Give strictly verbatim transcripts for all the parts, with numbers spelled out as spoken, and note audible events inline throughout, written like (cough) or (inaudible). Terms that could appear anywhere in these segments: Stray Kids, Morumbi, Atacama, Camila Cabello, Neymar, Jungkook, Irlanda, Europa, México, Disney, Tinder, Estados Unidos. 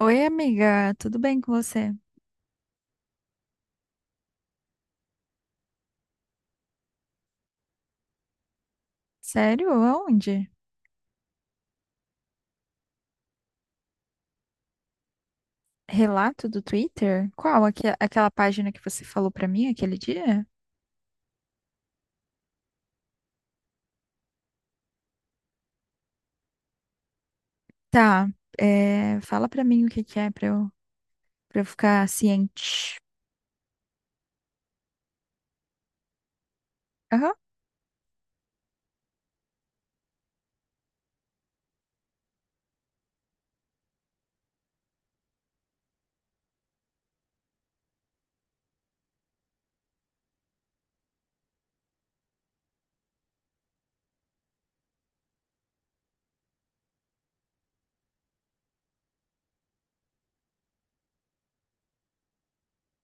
Oi, amiga, tudo bem com você? Sério? Aonde? Relato do Twitter? Qual? Aque- aquela página que você falou pra mim aquele dia? Tá, é, fala pra mim o que que é pra eu, pra eu ficar ciente. Aham.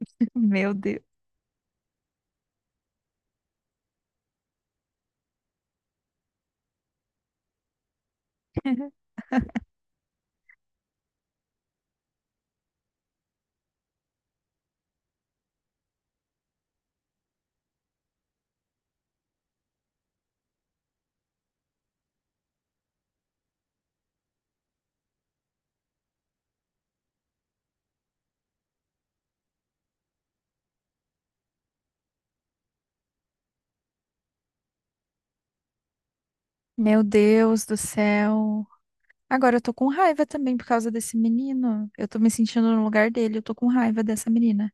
(laughs) Meu Deus. (laughs) Meu Deus do céu. Agora eu tô com raiva também por causa desse menino. Eu tô me sentindo no lugar dele, eu tô com raiva dessa menina.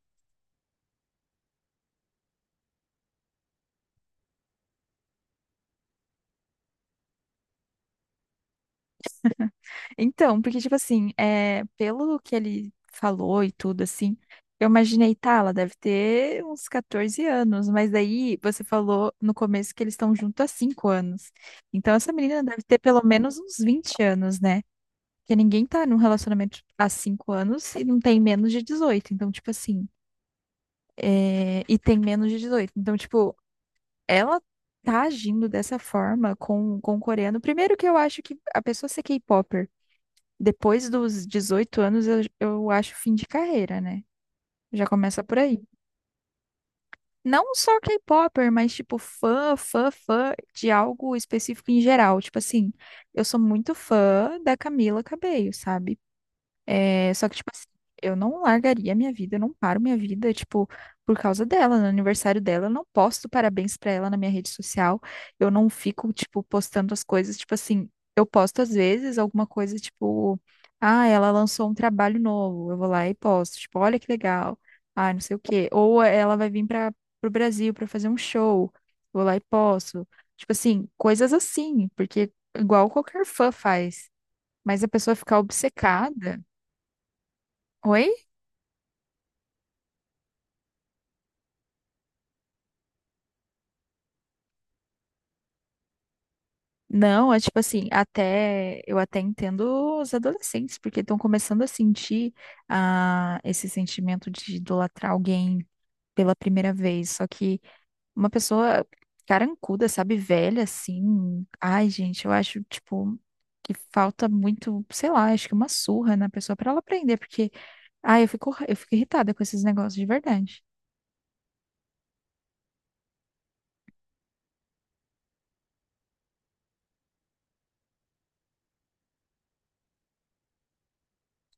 Então, porque, tipo assim, é, pelo que ele falou e tudo, assim, eu imaginei, tá, ela deve ter uns quatorze anos, mas daí você falou no começo que eles estão juntos há cinco anos. Então, essa menina deve ter pelo menos uns vinte anos, né? Porque ninguém tá num relacionamento há cinco anos e não tem menos de dezoito. Então, tipo assim, é, e tem menos de dezoito. Então, tipo, ela tá agindo dessa forma com, com o coreano. Primeiro que eu acho que a pessoa ser K pop depois dos dezoito anos, eu, eu acho fim de carreira, né? Já começa por aí. Não só K-popper, mas tipo fã, fã, fã de algo específico em geral. Tipo assim, eu sou muito fã da Camila Cabello, sabe? É, só que, tipo assim, eu não largaria minha vida, eu não paro minha vida, tipo, por causa dela, no aniversário dela, eu não posto parabéns pra ela na minha rede social, eu não fico, tipo, postando as coisas, tipo assim, eu posto às vezes alguma coisa, tipo, ah, ela lançou um trabalho novo, eu vou lá e posto, tipo, olha que legal, ah, não sei o quê, ou ela vai vir para pro Brasil pra fazer um show, vou lá e posto, tipo assim, coisas assim, porque igual qualquer fã faz, mas a pessoa ficar obcecada. Oi? Não, é tipo assim, até eu até entendo os adolescentes, porque estão começando a sentir ah, esse sentimento de idolatrar alguém pela primeira vez. Só que uma pessoa carancuda, sabe, velha assim. Ai, gente, eu acho, tipo, que falta muito, sei lá, acho que uma surra na pessoa pra ela aprender, porque, ai, eu fico, eu fico irritada com esses negócios de verdade.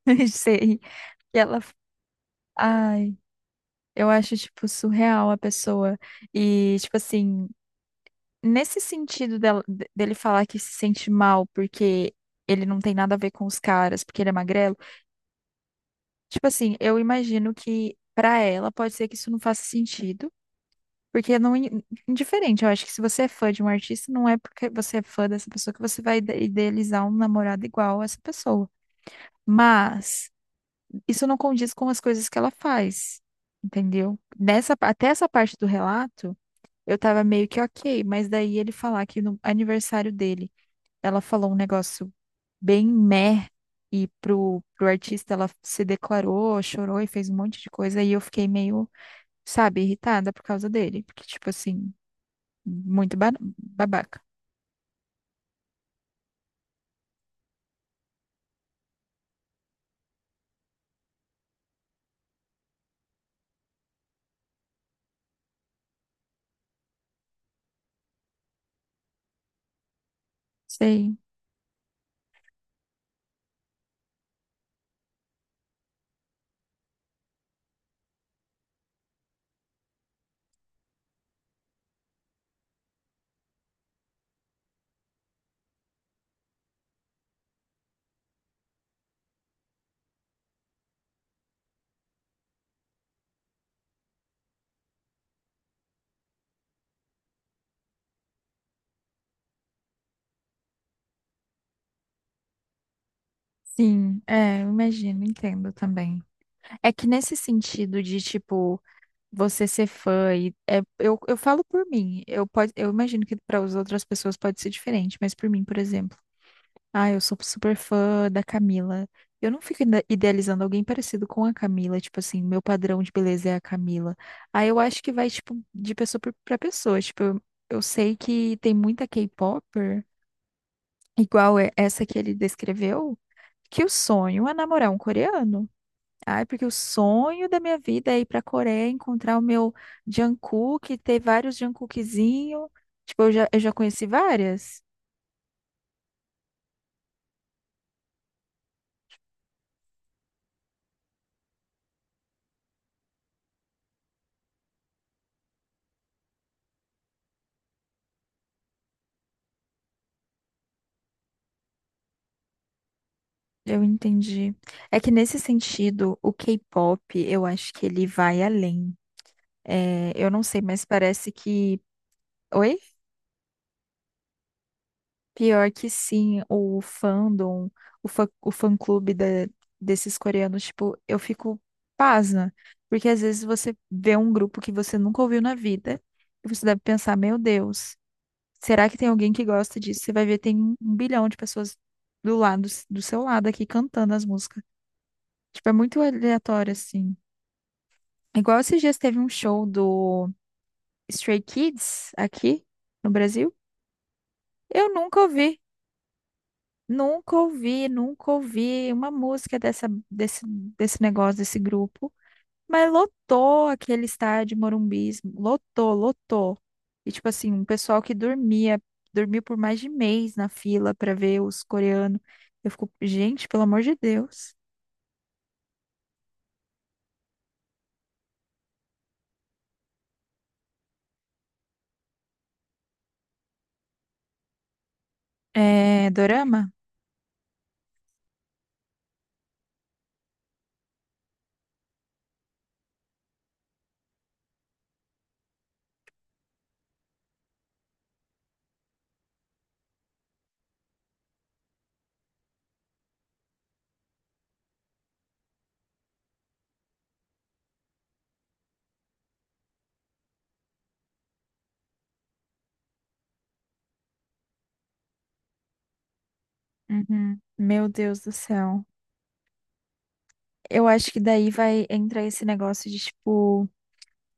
(laughs) Sei. E ela, ai, eu acho, tipo, surreal a pessoa. E, tipo assim. Nesse sentido dela- de- dele falar que se sente mal porque ele não tem nada a ver com os caras, porque ele é magrelo, tipo assim, eu imagino que pra ela pode ser que isso não faça sentido, porque não in- indiferente, eu acho que se você é fã de um artista, não é porque você é fã dessa pessoa que você vai ide- idealizar um namorado igual a essa pessoa. Mas isso não condiz com as coisas que ela faz, entendeu? Nessa, pa- até essa parte do relato, eu tava meio que ok, mas daí ele falar que no aniversário dele ela falou um negócio bem meh, e pro, pro artista ela se declarou, chorou e fez um monte de coisa, e eu fiquei meio, sabe, irritada por causa dele, porque, tipo assim, muito ba- babaca. Sei. Sim, é, eu imagino, entendo também. É que nesse sentido de, tipo, você ser fã, e é, eu, eu falo por mim, eu, pode, eu imagino que para as outras pessoas pode ser diferente, mas por mim, por exemplo. Ah, eu sou super fã da Camila. Eu não fico ide- idealizando alguém parecido com a Camila, tipo assim, meu padrão de beleza é a Camila. Aí eu acho que vai, tipo, de pessoa por- pra pessoa. Tipo, eu, eu sei que tem muita K-popper, igual é essa que ele descreveu, que o sonho é namorar um coreano. Ai, porque o sonho da minha vida é ir pra Coreia, encontrar o meu Jungkook, ter vários Jungkookzinho. Tipo, eu já, eu já conheci várias. Eu entendi. É que nesse sentido, o K-pop, eu acho que ele vai além. É, eu não sei, mas parece que. Oi? Pior que sim, o fandom, o fã, o fã-clube da- desses coreanos, tipo, eu fico pasma. Porque às vezes você vê um grupo que você nunca ouviu na vida e você deve pensar, meu Deus, será que tem alguém que gosta disso? Você vai ver, tem um um bilhão de pessoas do lado, do seu lado aqui cantando as músicas. Tipo, é muito aleatório, assim. Igual esses dias teve um show do Stray Kids aqui no Brasil. Eu nunca ouvi, nunca ouvi, nunca ouvi uma música dessa, desse, desse negócio, desse grupo. Mas lotou aquele estádio Morumbi, lotou, lotou. E tipo assim, um pessoal que dormia, dormiu por mais de mês na fila pra ver os coreanos. Eu fico, gente, pelo amor de Deus. É, Dorama? Uhum. Meu Deus do céu. Eu acho que daí vai entrar esse negócio de, tipo,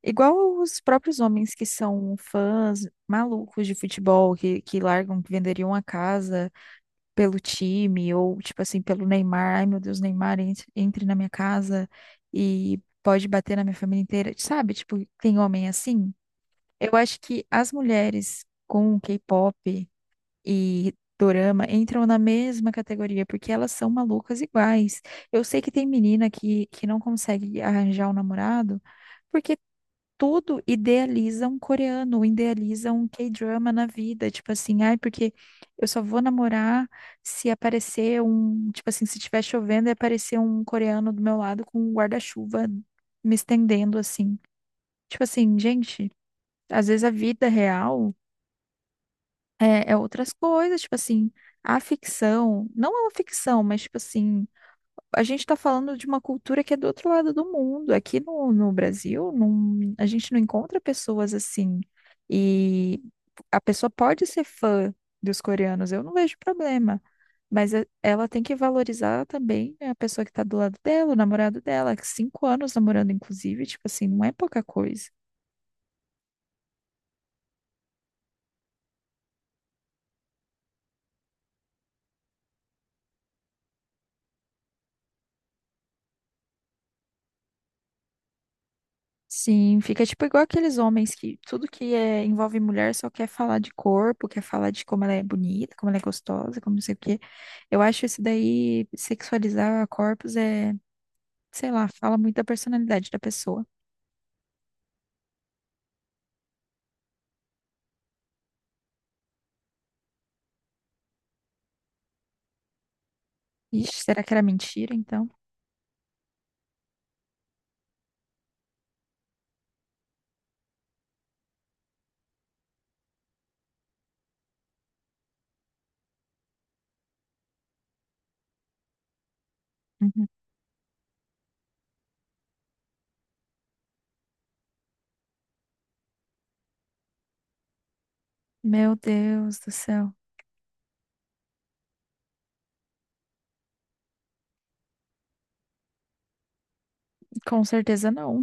igual os próprios homens que são fãs malucos de futebol, que, que largam, que venderiam a casa pelo time, ou, tipo assim, pelo Neymar. Ai, meu Deus, Neymar, entre, entre na minha casa e pode bater na minha família inteira. Sabe? Tipo, tem homem assim? Eu acho que as mulheres com o K-pop e dorama entram na mesma categoria, porque elas são malucas iguais. Eu sei que tem menina que, que não consegue arranjar um namorado, porque tudo idealiza um coreano, idealiza um K-drama na vida. Tipo assim, ai, porque eu só vou namorar se aparecer um. Tipo assim, se estiver chovendo e aparecer um coreano do meu lado com um guarda-chuva me estendendo assim. Tipo assim, gente. Às vezes a vida real é, é outras coisas, tipo assim, a ficção, não é uma ficção, mas tipo assim, a gente tá falando de uma cultura que é do outro lado do mundo. Aqui no, no Brasil, não, a gente não encontra pessoas assim. E a pessoa pode ser fã dos coreanos, eu não vejo problema. Mas é- ela tem que valorizar também a pessoa que tá do lado dela, o namorado dela, que cinco anos namorando, inclusive, tipo assim, não é pouca coisa. Sim, fica tipo igual aqueles homens que tudo que é, envolve mulher só quer falar de corpo, quer falar de como ela é bonita, como ela é gostosa, como não sei o quê. Eu acho isso daí, sexualizar corpos é, sei lá, fala muito da personalidade da pessoa. Ixi, será que era mentira, então? Uhum. Meu Deus do céu. Com certeza não.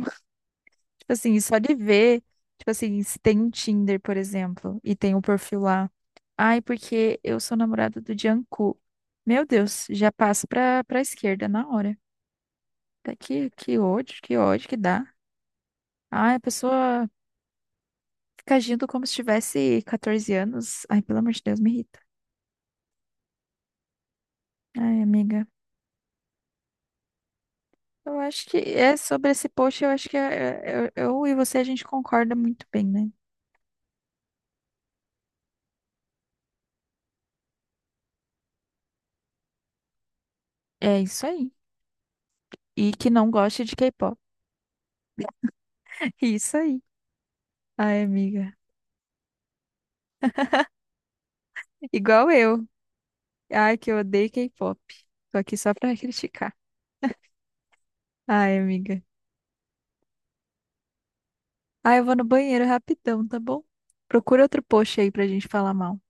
Tipo assim, só de ver, tipo assim, se tem um Tinder, por exemplo, e tem um perfil lá. Ai, porque eu sou namorada do Jungkook. Meu Deus, já passo pra, pra esquerda na hora. Tá, Que, que ódio, que ódio que dá. Ai, a pessoa fica agindo como se tivesse quatorze anos. Ai, pelo amor de Deus, me irrita. Ai, amiga. Eu acho que é sobre esse post, eu acho que é- é- eu, eu e você a gente concorda muito bem, né? É isso aí. E que não goste de K-pop. (laughs) Isso aí. Ai, amiga. Igual eu. Ai, que eu odeio K-pop. Tô aqui só pra (laughs) criticar. Ai, amiga. Ai, eu vou no banheiro rapidão, tá bom? Procura outro post aí pra gente falar mal.